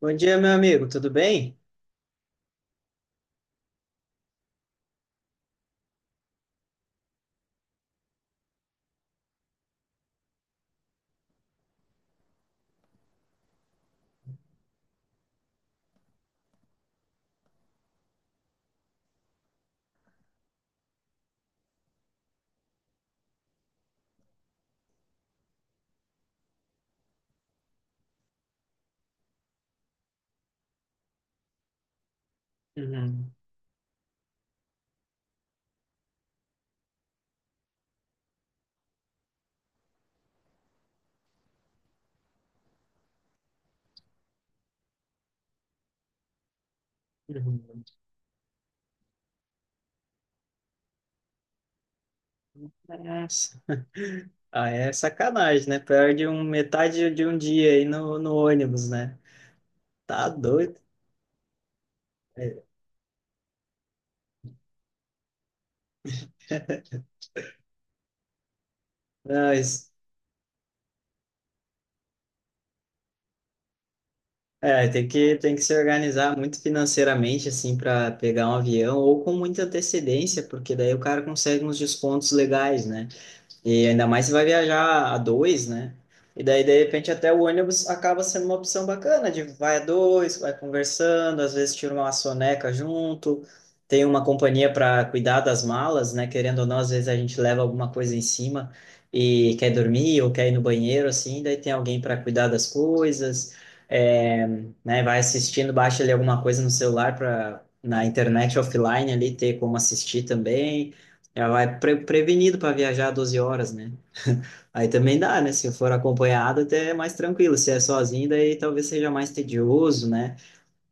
Bom dia, meu amigo, tudo bem? Uhum, uhum. Nossa. Ah, é sacanagem, né? Perde um, metade de um dia aí no ônibus, né? Tá doido. É, mas, é, tem que se organizar muito financeiramente, assim, para pegar um avião ou com muita antecedência, porque daí o cara consegue uns descontos legais, né? E ainda mais se vai viajar a dois, né? E daí, de repente, até o ônibus acaba sendo uma opção bacana, de vai a dois, vai conversando, às vezes tira uma soneca junto, tem uma companhia para cuidar das malas, né? Querendo ou não, às vezes a gente leva alguma coisa em cima e quer dormir ou quer ir no banheiro, assim, daí tem alguém para cuidar das coisas, é, né? Vai assistindo, baixa ali alguma coisa no celular para na internet offline ali ter como assistir também. Já vai prevenido para viajar 12 horas, né? Aí também dá, né? Se for acompanhado, até é mais tranquilo. Se é sozinho, daí talvez seja mais tedioso, né?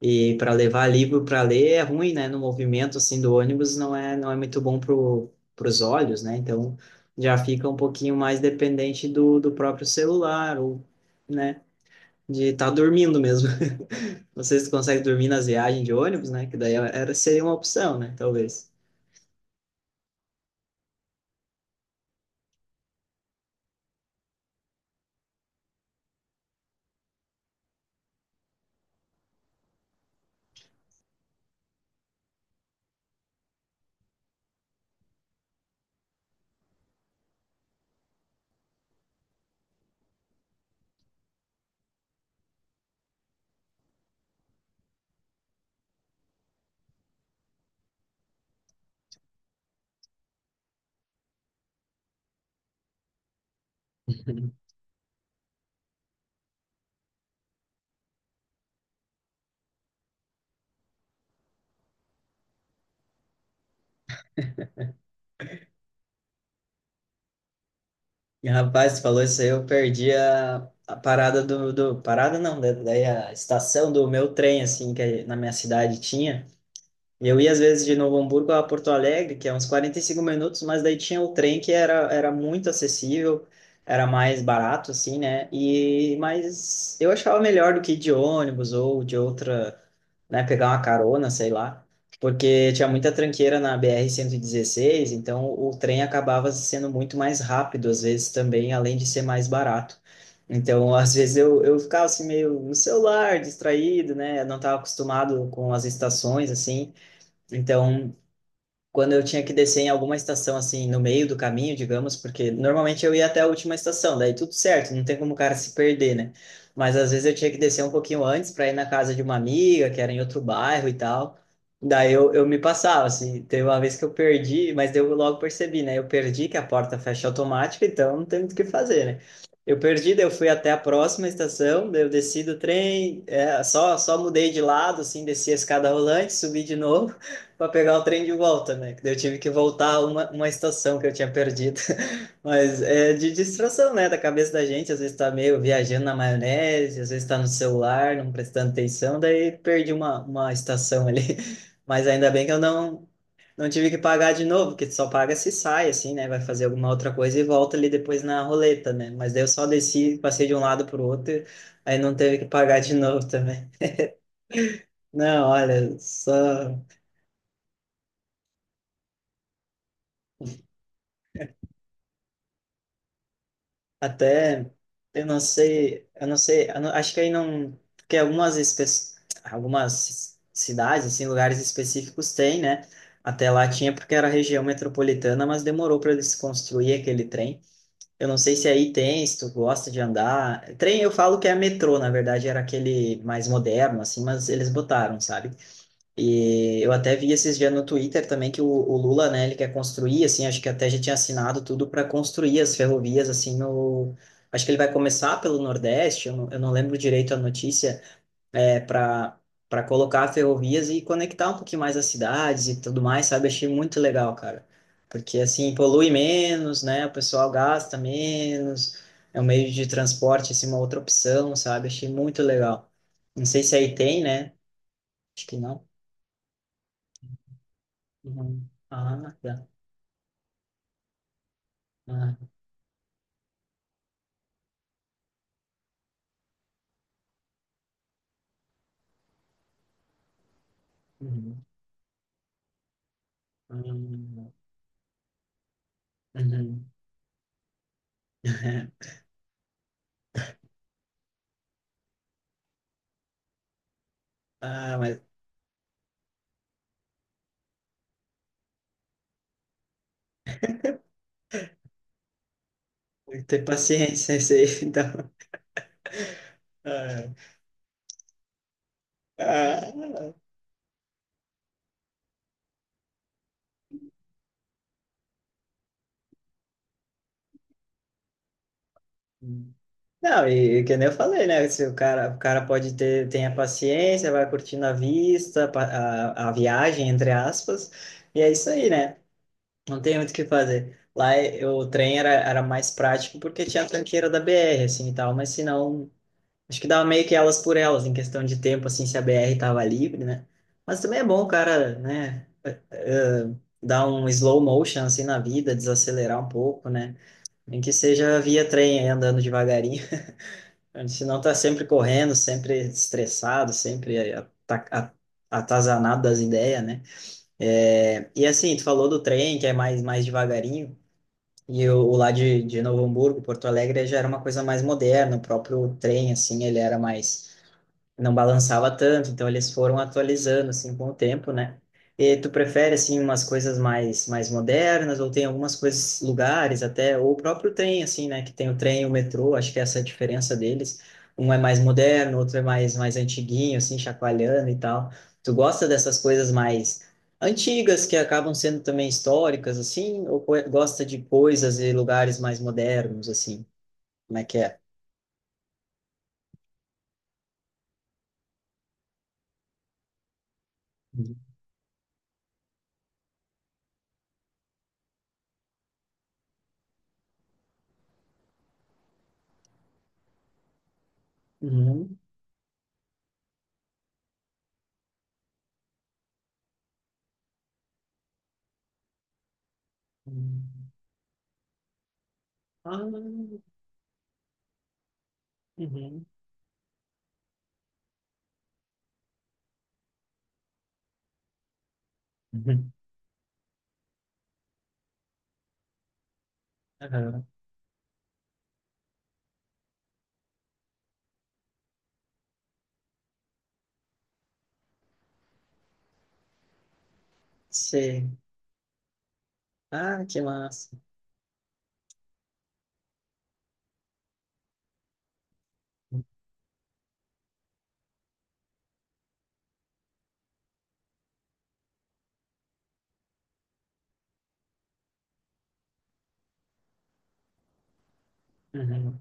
E para levar livro para ler é ruim, né? No movimento assim do ônibus não é muito bom pro, pros olhos, né? Então já fica um pouquinho mais dependente do, do próprio celular ou, né? De estar dormindo mesmo. Não sei se tu consegue dormir nas viagens de ônibus, né? Que daí é, era seria uma opção, né? Talvez. E, rapaz, tu falou isso aí, eu perdi a parada. Parada não, daí a estação do meu trem, assim, que na minha cidade tinha. E eu ia às vezes de Novo Hamburgo a Porto Alegre, que é uns 45 minutos, mas daí tinha o trem que era, era muito acessível, era mais barato, assim, né? E, mas eu achava melhor do que ir de ônibus ou de outra, né, pegar uma carona, sei lá, porque tinha muita tranqueira na BR-116, então o trem acabava sendo muito mais rápido, às vezes também, além de ser mais barato. Então, às vezes eu, ficava assim meio no celular, distraído, né? Eu não estava acostumado com as estações, assim. Então, quando eu tinha que descer em alguma estação, assim, no meio do caminho, digamos, porque normalmente eu ia até a última estação, daí tudo certo, não tem como o cara se perder, né? Mas às vezes eu tinha que descer um pouquinho antes para ir na casa de uma amiga, que era em outro bairro e tal. Daí eu me passava, assim, teve uma vez que eu perdi, mas daí eu logo percebi, né? Eu perdi que a porta fecha automática, então não tem muito o que fazer, né? Eu perdi, daí eu fui até a próxima estação, daí eu desci do trem, é, só mudei de lado, assim, desci a escada rolante, subi de novo para pegar o trem de volta, né? Que daí eu tive que voltar uma estação que eu tinha perdido. Mas é de distração, né? Da cabeça da gente, às vezes tá meio viajando na maionese, às vezes tá no celular, não prestando atenção, daí perdi uma estação ali. Mas ainda bem que eu não, não tive que pagar de novo, porque só paga se sai, assim, né? Vai fazer alguma outra coisa e volta ali depois na roleta, né? Mas daí eu só desci, passei de um lado pro outro, aí não teve que pagar de novo também. Não, olha, só. Até, eu não sei, eu não sei, eu não- acho que aí não, porque algumas cidades, assim, lugares específicos tem, né? Até lá tinha porque era região metropolitana, mas demorou para eles construir aquele trem. Eu não sei se aí tem, se tu gosta de andar. Trem eu falo que é metrô, na verdade era aquele mais moderno, assim, mas eles botaram, sabe? E eu até vi esses dias no Twitter também que o Lula, né, ele quer construir, assim, acho que até já tinha assinado tudo para construir as ferrovias, assim, no... Acho que ele vai começar pelo Nordeste, eu não lembro direito a notícia, é, para colocar ferrovias e conectar um pouquinho mais as cidades e tudo mais, sabe? Achei muito legal, cara. Porque, assim, polui menos, né, o pessoal gasta menos, é um meio de transporte, assim, uma outra opção, sabe? Achei muito legal. Não sei se aí tem, né? Acho que não. Uhum. Ah, tá. Ah, uhum. Uhum. Uhum. Ah, mas tem que ter paciência isso aí, então. Ah, ah. Ah. Não, e que nem eu falei, né? Se o cara, o cara pode ter, tem a paciência, vai curtindo a vista, a viagem, entre aspas, e é isso aí, né? Não tem muito o que fazer. Lá, eh, o trem era, era mais prático porque tinha a tranqueira da BR, assim, e tal, mas se não, acho que dava meio que elas por elas, em questão de tempo, assim, se a BR tava livre, né? Mas também é bom o cara, né, eh, dar um slow motion, assim, na vida, desacelerar um pouco, né? Nem que seja via trem, aí, andando devagarinho. Senão tá sempre correndo, sempre estressado, sempre atazanado das ideias, né? É, e assim, tu falou do trem, que é mais, mais devagarinho, e o lá de Novo Hamburgo, Porto Alegre, já era uma coisa mais moderna, o próprio trem, assim, ele era mais, não balançava tanto, então eles foram atualizando assim com o tempo, né? E tu prefere assim umas coisas mais mais modernas ou tem algumas coisas, lugares até ou o próprio trem assim, né, que tem o trem e o metrô, acho que essa é a diferença deles. Um é mais moderno, outro é mais mais antiguinho assim, chacoalhando e tal. Tu gosta dessas coisas mais antigas que acabam sendo também históricas assim, ou gosta de coisas e lugares mais modernos assim? Como é que é? Uhum. Uhum. Ah. Uhum. Uhum. Aham. Sei. Ah, que massa. Uhum.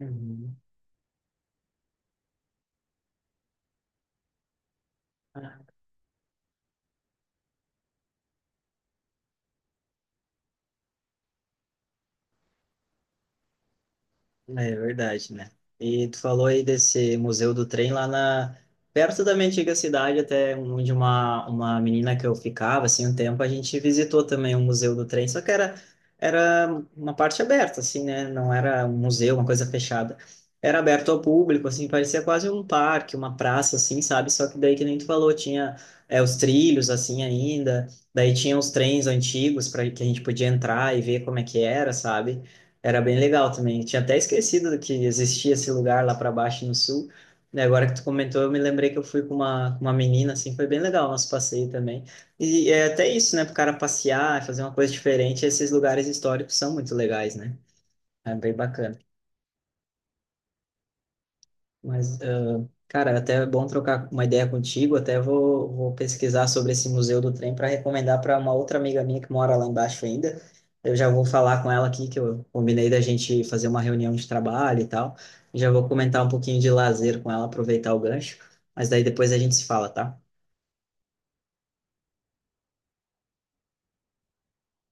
Uhum. Ah. É verdade, né? E tu falou aí desse Museu do Trem. Lá na, perto da minha antiga cidade, até onde uma, menina que eu ficava, assim, um tempo, a gente visitou também o Museu do Trem, só que era, era uma parte aberta, assim, né? Não era um museu, uma coisa fechada. Era aberto ao público, assim, parecia quase um parque, uma praça, assim, sabe? Só que daí, que nem tu falou, tinha é, os trilhos, assim, ainda, daí tinha os trens antigos para que a gente podia entrar e ver como é que era, sabe? Era bem legal também. Eu tinha até esquecido que existia esse lugar lá para baixo no sul. E agora que tu comentou, eu me lembrei que eu fui com uma menina, assim, foi bem legal o nosso passeio também. E é até isso, né? Pro cara passear, fazer uma coisa diferente, esses lugares históricos são muito legais, né? É bem bacana. Mas, ah, cara, até é bom trocar uma ideia contigo. Até vou pesquisar sobre esse Museu do Trem para recomendar para uma outra amiga minha que mora lá embaixo ainda. Eu já vou falar com ela aqui, que eu combinei da gente fazer uma reunião de trabalho e tal. Já vou comentar um pouquinho de lazer com ela, aproveitar o gancho. Mas daí depois a gente se fala, tá?